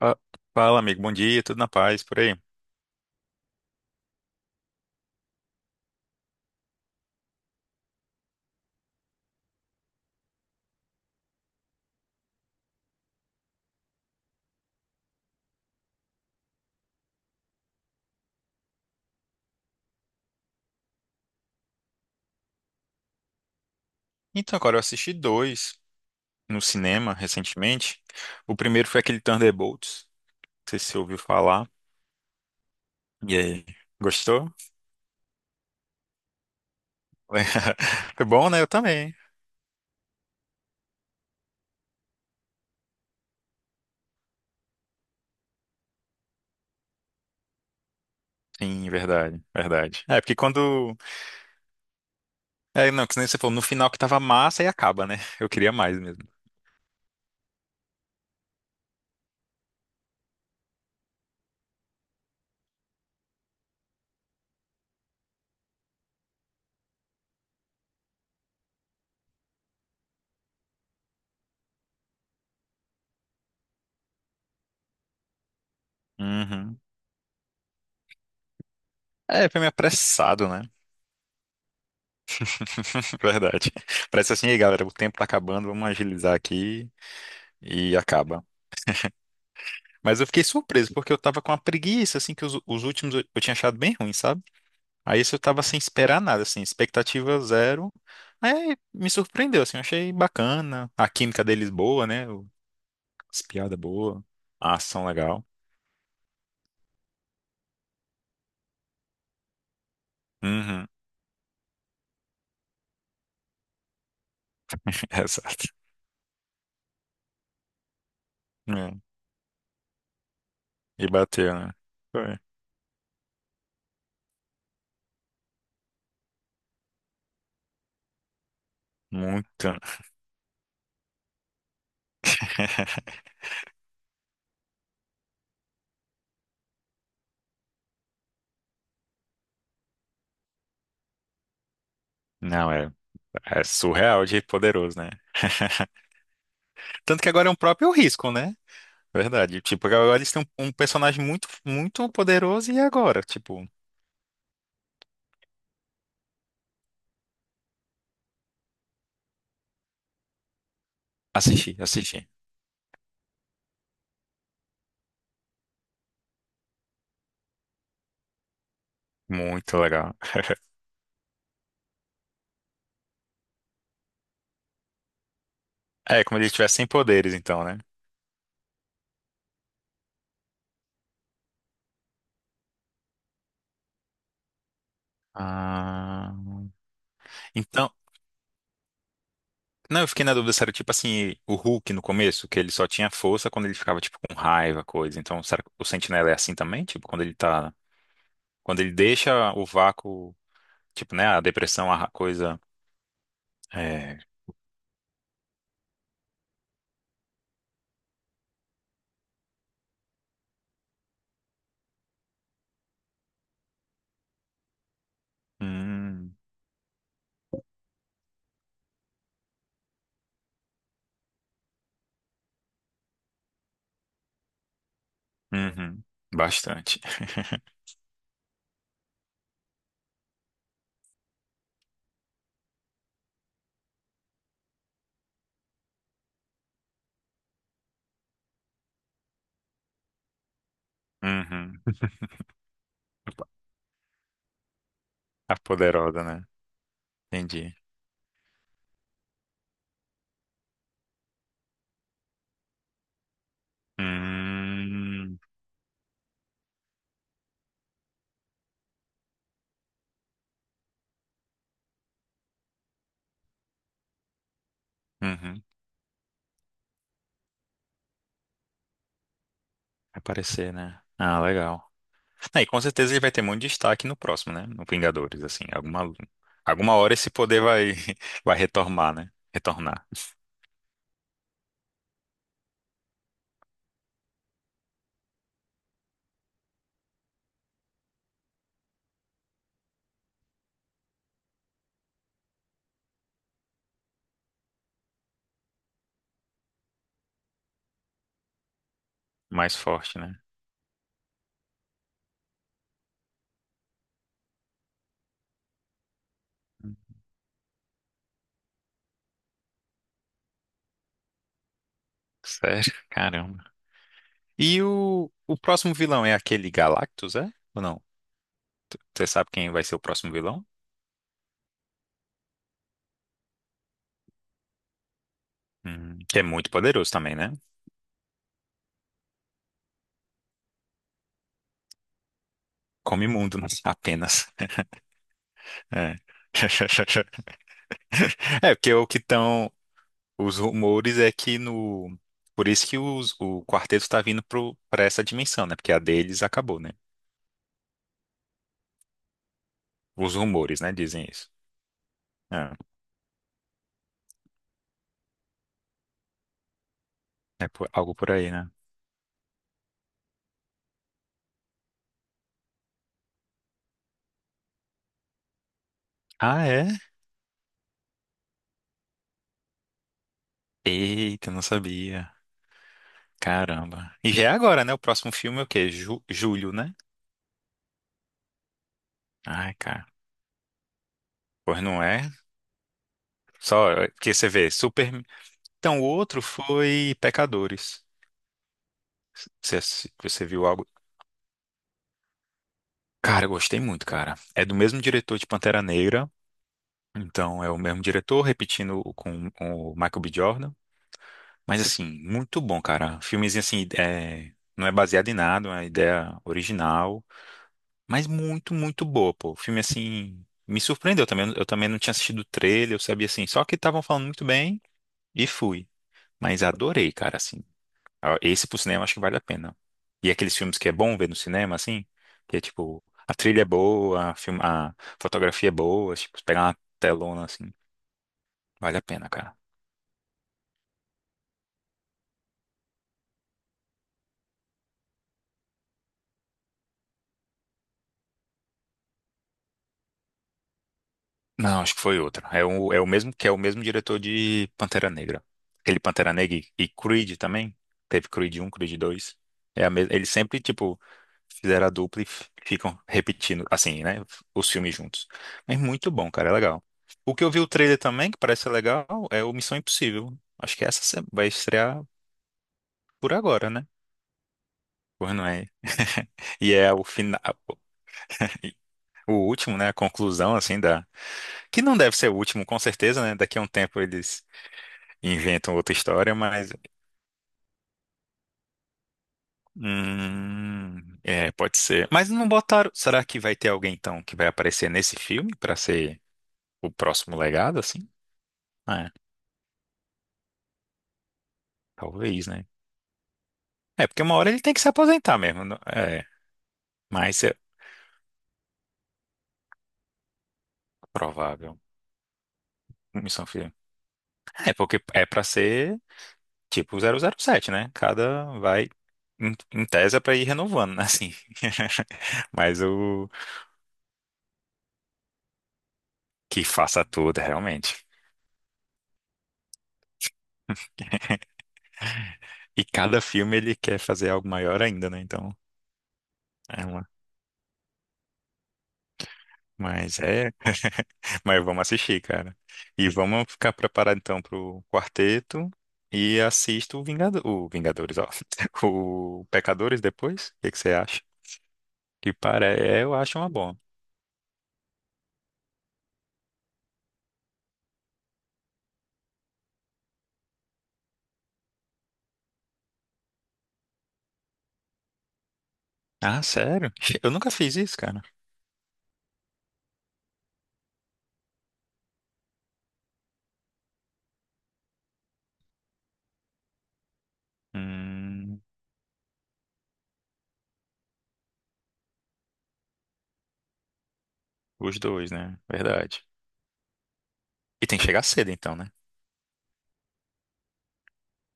Fa- Fala, amigo, bom dia, tudo na paz, por aí. Então, agora eu assisti dois no cinema recentemente. O primeiro foi aquele Thunderbolts, não sei se você ouviu falar. E aí, gostou? Foi bom, né? Eu também. Sim, verdade, verdade. É, porque quando. É, não, que nem você falou, no final que tava massa e acaba, né? Eu queria mais mesmo. Uhum. É, foi meio apressado, né? Verdade. Parece assim, aí, galera, o tempo tá acabando, vamos agilizar aqui e acaba. Mas eu fiquei surpreso, porque eu tava com uma preguiça, assim, que os últimos eu tinha achado bem ruim, sabe? Aí esse eu tava sem esperar nada, assim, expectativa zero. Aí me surpreendeu, assim, eu achei bacana. A química deles boa, né? O- As piadas boas, a ação legal. Uhum, exato. É, e bateu, né? Foi. Muito. Não, é surreal de poderoso, né? Tanto que agora é um próprio risco, né? Verdade. Tipo, agora eles têm um personagem muito, muito poderoso e agora? Tipo. Assisti, assisti. Muito legal. É, como ele tivesse sem poderes, então, né? Ah. Então, não, eu fiquei na dúvida se era tipo assim, o Hulk no começo, que ele só tinha força quando ele ficava, tipo, com raiva, coisa. Então, será que o Sentinela é assim também? Tipo, quando ele tá. Quando ele deixa o vácuo, tipo, né? A depressão, a coisa. É. Hum, uhum, bastante. Uhum. A poderosa, né? Entendi. Hum, uhum. Vai aparecer, né? Ah, legal. Aí, com certeza ele vai ter muito destaque no próximo, né? No Vingadores, assim, alguma hora esse poder vai vai retornar, né? Retornar mais forte, né? Sério? Caramba. E o próximo vilão é aquele Galactus, é? Ou não? Você sabe quem vai ser o próximo vilão? Que é muito poderoso também, né? Come mundo, né? Apenas. É. É, porque o que estão. Os rumores é que no. Por isso que o quarteto tá vindo pro, pra essa dimensão, né? Porque a deles acabou, né? Os rumores, né? Dizem isso. É, é por- algo por aí, né? Ah, é? Eita, não sabia. Caramba. E já é agora, né? O próximo filme é o quê? Julho, né? Ai, cara. Pois não é? Só que você vê, super. Então, o outro foi Pecadores. Você, você viu algo? Cara, eu gostei muito, cara. É do mesmo diretor de Pantera Negra. Então, é o mesmo diretor, repetindo com o Michael B. Jordan. Mas assim, muito bom, cara. Filmezinho assim, é, não é baseado em nada, é uma ideia original, mas muito, muito boa, pô. O filme assim, me surpreendeu também. Eu também não tinha assistido o trailer, eu sabia assim, só que estavam falando muito bem e fui. Mas adorei, cara, assim. Ah, esse pro cinema acho que vale a pena. E aqueles filmes que é bom ver no cinema, assim, que é tipo, a trilha é boa, a fotografia é boa, tipo, pegar uma telona assim, vale a pena, cara. Não, acho que foi outra. É o mesmo que é o mesmo diretor de Pantera Negra. Aquele Pantera Negra e Creed também. Teve Creed um, Creed 2. É a mes... Eles sempre, tipo, fizeram a dupla e ficam repetindo, assim, né? Os filmes juntos. Mas muito bom, cara. É legal. O que eu vi o trailer também, que parece ser legal, é o Missão Impossível. Acho que essa vai estrear por agora, né? Pois não é? E é o final, o último, né? A conclusão, assim, da. Que não deve ser o último, com certeza, né? Daqui a um tempo eles inventam outra história, mas. É, pode ser. Mas não botaram. Será que vai ter alguém então que vai aparecer nesse filme pra ser o próximo legado, assim? É, talvez, né? É, porque uma hora ele tem que se aposentar mesmo. Não- É, mas é provável. Missão Filme. É, porque é pra ser tipo 007, né? Cada vai. Em tese é pra ir renovando, né? Assim. Mas o que faça tudo, realmente. E cada filme ele quer fazer algo maior ainda, né? Então. É uma Mas é. Mas vamos assistir, cara. E vamos ficar preparado então pro quarteto e assisto o o Vingadores, ó. O Pecadores depois. O que que você acha? Que para é, eu acho uma boa. Ah, sério? Eu nunca fiz isso, cara. Hum, os dois, né? Verdade. E tem que chegar cedo então, né?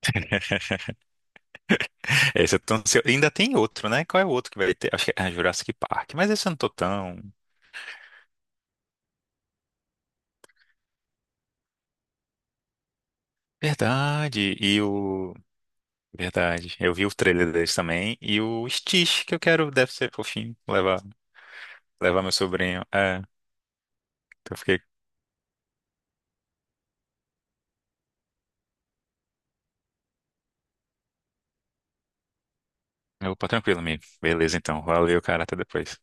Esse eu tô ansioso. Ainda tem outro, né? Qual é o outro que vai ter? Acho que é ah, Jurassic Park. Mas esse eu não tô tão. Verdade. E o Verdade. Eu vi o trailer deles também. E o Stitch, que eu quero, deve ser fofinho. Levar meu sobrinho. É, então eu fiquei. Eu, pô, tranquilo, amigo. Beleza, então. Valeu, cara. Até depois.